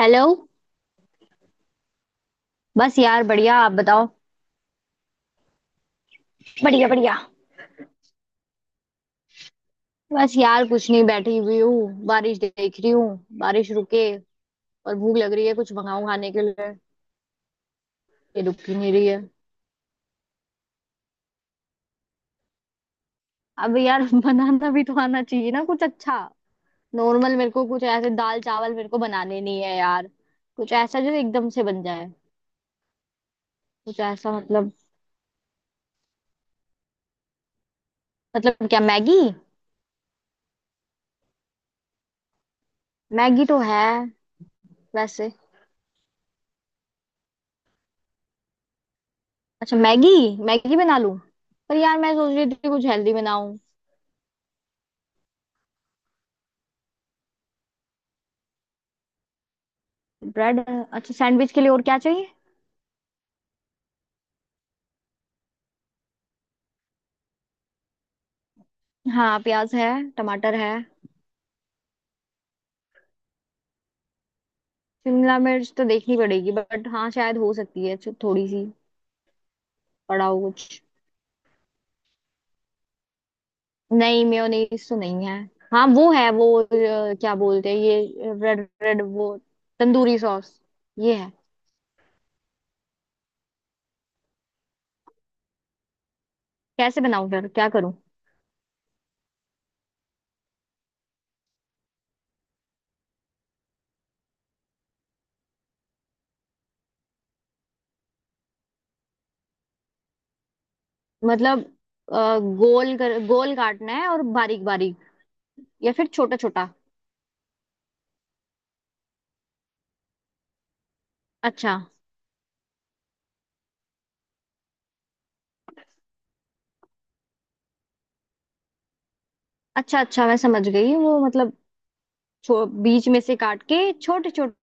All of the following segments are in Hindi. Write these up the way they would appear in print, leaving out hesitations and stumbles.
हेलो। बस यार बढ़िया, आप बताओ। बढ़िया बढ़िया। बस यार कुछ नहीं, बैठी हुई हूँ बारिश देख रही हूँ। बारिश रुके और भूख लग रही है, कुछ मंगाऊं खाने के लिए। ये रुक ही नहीं रही है। अब यार बनाना भी तो आना चाहिए ना कुछ अच्छा। नॉर्मल मेरे को कुछ ऐसे दाल चावल मेरे को बनाने नहीं है यार। कुछ ऐसा जो एकदम से बन जाए। कुछ ऐसा मतलब क्या, मैगी? मैगी तो है वैसे। अच्छा मैगी, मैगी बना लूं? पर यार मैं सोच रही थी कुछ हेल्दी बनाऊं। ब्रेड? अच्छा सैंडविच के लिए और क्या चाहिए? हाँ प्याज है। टमाटर है। शिमला मिर्च तो देखनी पड़ेगी, बट हाँ शायद हो सकती है थोड़ी सी पड़ा हो कुछ। नहीं मेयोनीज तो नहीं है। हाँ वो है वो क्या बोलते हैं ये रेड रेड वो, तंदूरी सॉस, ये है। कैसे बनाऊं फिर, क्या करूं? मतलब गोल कर गोल काटना है और बारीक बारीक या फिर छोटा छोटा? अच्छा अच्छा, अच्छा मैं समझ गई वो मतलब। बीच में से काट के छोटे छोटे?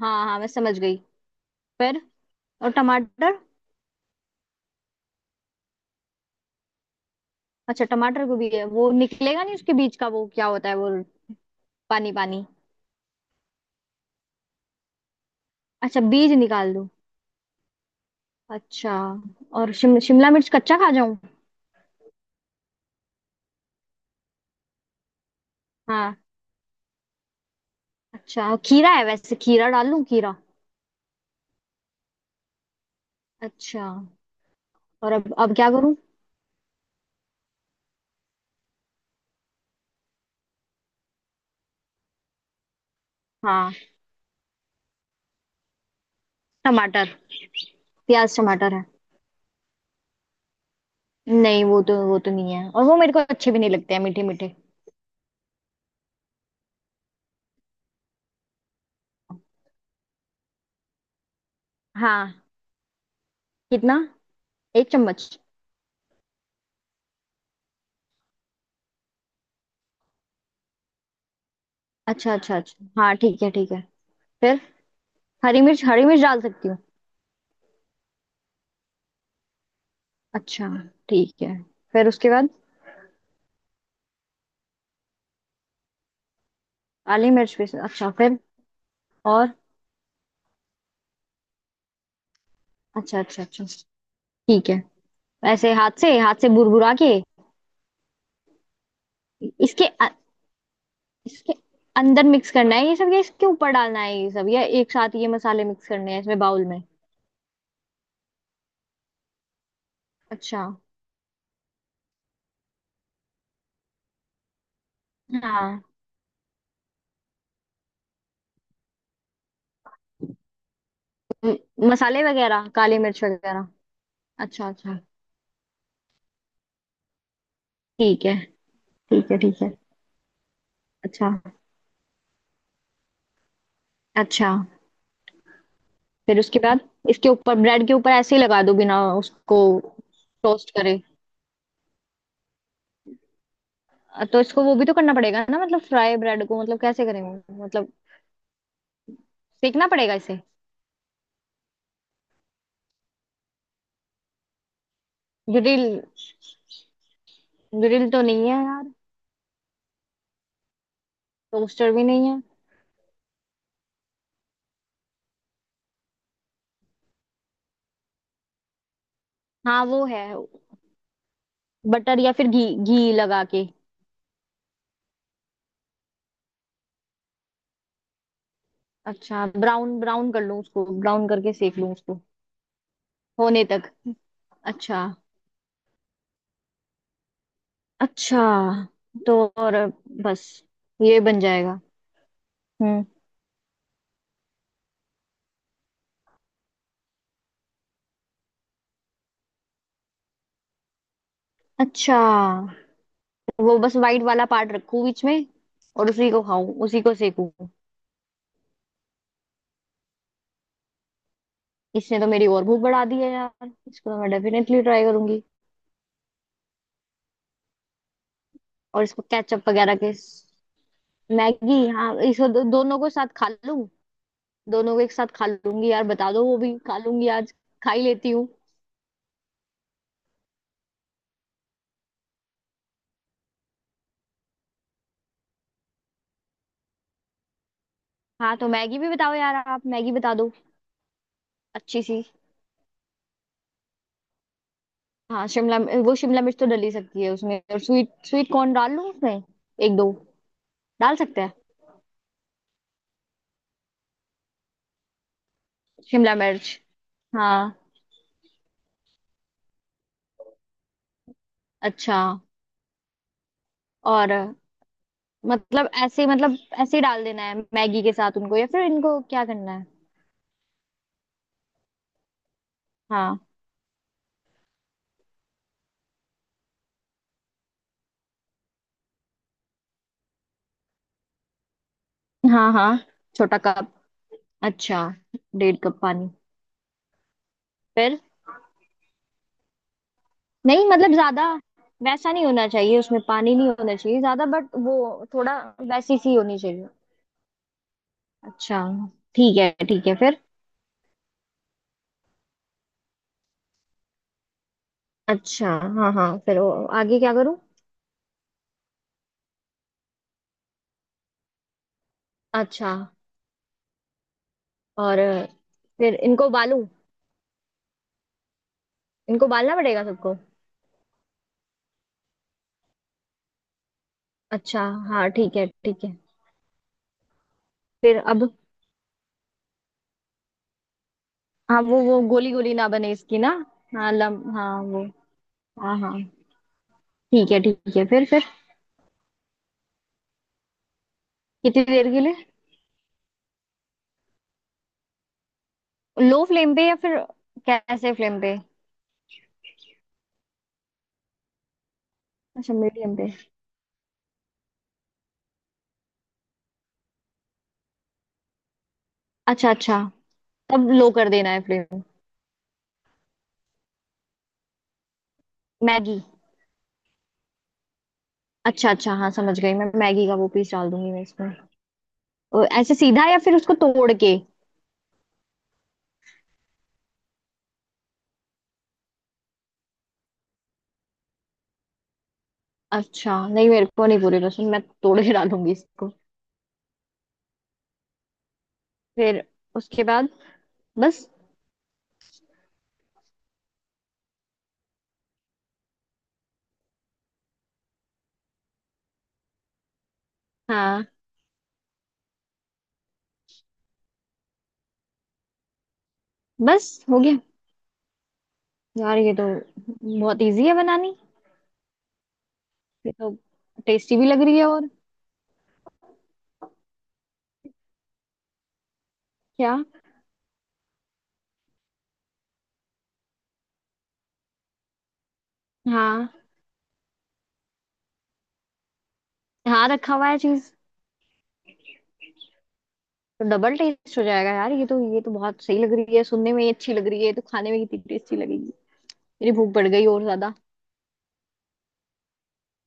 हाँ हाँ मैं समझ गई। फिर? और टमाटर? अच्छा टमाटर को भी है वो निकलेगा नहीं उसके बीज का वो क्या होता है वो? पानी पानी। अच्छा बीज निकाल दूं? अच्छा। और शिमला मिर्च कच्चा खा जाऊं? हाँ। अच्छा और खीरा है वैसे, खीरा डाल लूं, खीरा? अच्छा। और अब क्या करूं? हाँ टमाटर, प्याज टमाटर है। नहीं वो तो वो तो नहीं है, और वो मेरे को अच्छे भी नहीं लगते हैं मीठे मीठे। हाँ। कितना? एक चम्मच? अच्छा अच्छा अच्छा, हाँ ठीक है ठीक है। फिर? हरी मिर्च, हरी मिर्च डाल सकती हूँ? अच्छा, ठीक है। फिर उसके बाद? काली मिर्च भी? अच्छा, फिर? और? अच्छा अच्छा अच्छा, ठीक है। ऐसे हाथ से बुरबुरा के? इसके अ- इसके अंदर मिक्स करना है ये सब या इसके ऊपर डालना है ये सब, या एक साथ ये मसाले मिक्स करने हैं इसमें बाउल में? अच्छा, हाँ। म- मसाले वगैरह, काली मिर्च वगैरह? अच्छा अच्छा। ठीक है, ठीक है, ठीक है। अच्छा अच्छा। फिर उसके बाद इसके ऊपर, ब्रेड के ऊपर ऐसे ही लगा दो बिना उसको टोस्ट करे? तो इसको वो भी तो करना पड़ेगा ना, मतलब फ्राई ब्रेड को, मतलब कैसे करेंगे? मतलब सेकना पड़ेगा इसे? ग्रिल, ग्रिल तो नहीं है यार। टोस्टर भी नहीं है। हाँ वो है। बटर या फिर घी, घी लगा के? अच्छा, ब्राउन ब्राउन कर लूं उसको, ब्राउन करके सेक लूं उसको होने तक? अच्छा। अच्छा तो और बस ये बन जाएगा? हम्म। अच्छा वो बस वाइट वाला पार्ट रखूं बीच में, और उसी को खाऊं, उसी को सेकूं? इसने तो मेरी और भूख बढ़ा दी है यार, इसको तो मैं डेफिनेटली ट्राई करूंगी। और इसको केचप वगैरह मैगी, हाँ इसको दोनों को साथ खा लूं? दोनों को एक साथ खा लूंगी यार, बता दो, वो भी खा लूंगी आज। खा ही लेती हूँ। हाँ तो मैगी भी बताओ यार, आप मैगी बता दो। अच्छी सी। हाँ वो शिमला मिर्च तो डल ही सकती है उसमें, और स्वीट, स्वीट कॉर्न डाल लूं उसमें? एक दो। डाल सकते हैं। शिमला मिर्च, हाँ। अच्छा। और मतलब ऐसे, मतलब ऐसे ही डाल देना है मैगी के साथ उनको, या फिर इनको क्या करना है? हाँ हाँ हाँ। छोटा कप। अच्छा। डेढ़ कप पानी? फिर? नहीं मतलब ज्यादा वैसा नहीं होना चाहिए, उसमें पानी नहीं होना चाहिए ज्यादा, बट वो थोड़ा वैसी सी होनी चाहिए। अच्छा। ठीक है ठीक है। फिर? अच्छा। हाँ हाँ फिर आगे क्या करूँ? अच्छा। और फिर इनको उबालूं, इनको उबालना पड़ेगा सबको? अच्छा हाँ, ठीक है ठीक है। फिर अब? हाँ वो गोली गोली ना बने इसकी ना? हाँ लम हाँ वो। हाँ हाँ। ठीक है ठीक है। फिर फिर? कितनी देर के लिए? लो फ्लेम पे या फिर कैसे फ्लेम पे? अच्छा मीडियम पे। अच्छा अच्छा, तब लो कर देना है फ्लेम? मैगी? अच्छा अच्छा, हाँ समझ गई मैं, मैगी का वो पीस डाल दूंगी मैं इसमें। और ऐसे सीधा या फिर उसको तोड़ के? अच्छा नहीं, मेरे को नहीं पूरी पसंद, मैं तोड़ के डालूंगी इसको। फिर उसके बाद? बस? हाँ बस हो गया। यार ये तो बहुत इजी है बनानी। ये तो टेस्टी भी लग रही है, और क्या। हाँ हाँ, रखा हुआ है चीज। तो डबल टेस्ट हो जाएगा यार, ये तो, ये तो बहुत सही लग रही है, सुनने में ही अच्छी लग रही है, ये तो खाने में कितनी टेस्टी लगेगी। मेरी भूख बढ़ गई और ज्यादा।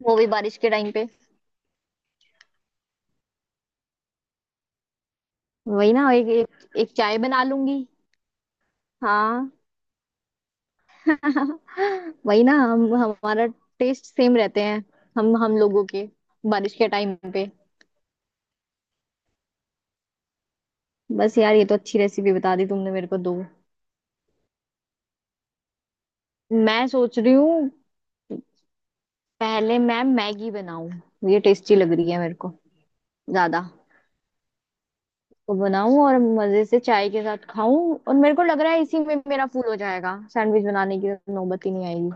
वो भी बारिश के टाइम पे। वही ना, एक एक, एक चाय बना लूंगी। हाँ। वही ना, हम हमारा टेस्ट सेम रहते हैं हम लोगों के, बारिश के टाइम पे। बस यार ये तो अच्छी रेसिपी बता दी तुमने मेरे को, दो। मैं सोच रही हूँ, पहले मैं मैगी बनाऊं। ये टेस्टी लग रही है मेरे को ज्यादा को बनाऊं, और मजे से चाय के साथ खाऊं। और मेरे को लग रहा है इसी में मेरा फूल हो जाएगा, सैंडविच बनाने की तो नौबत ही नहीं आएगी।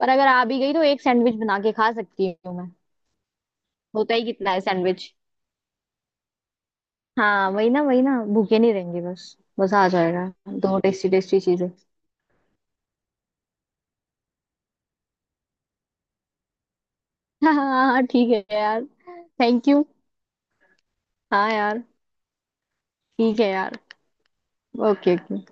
पर अगर आ भी गई तो एक सैंडविच बना के खा सकती हूँ मैं। होता ही कितना है सैंडविच। हाँ वही ना, वही ना, भूखे नहीं रहेंगे, बस बस आ जाएगा। दो टेस्टी टेस्टी चीजें। हाँ हाँ हाँ, ठीक है यार। Thank you. हाँ यार। ठीक है यार। Okay okay.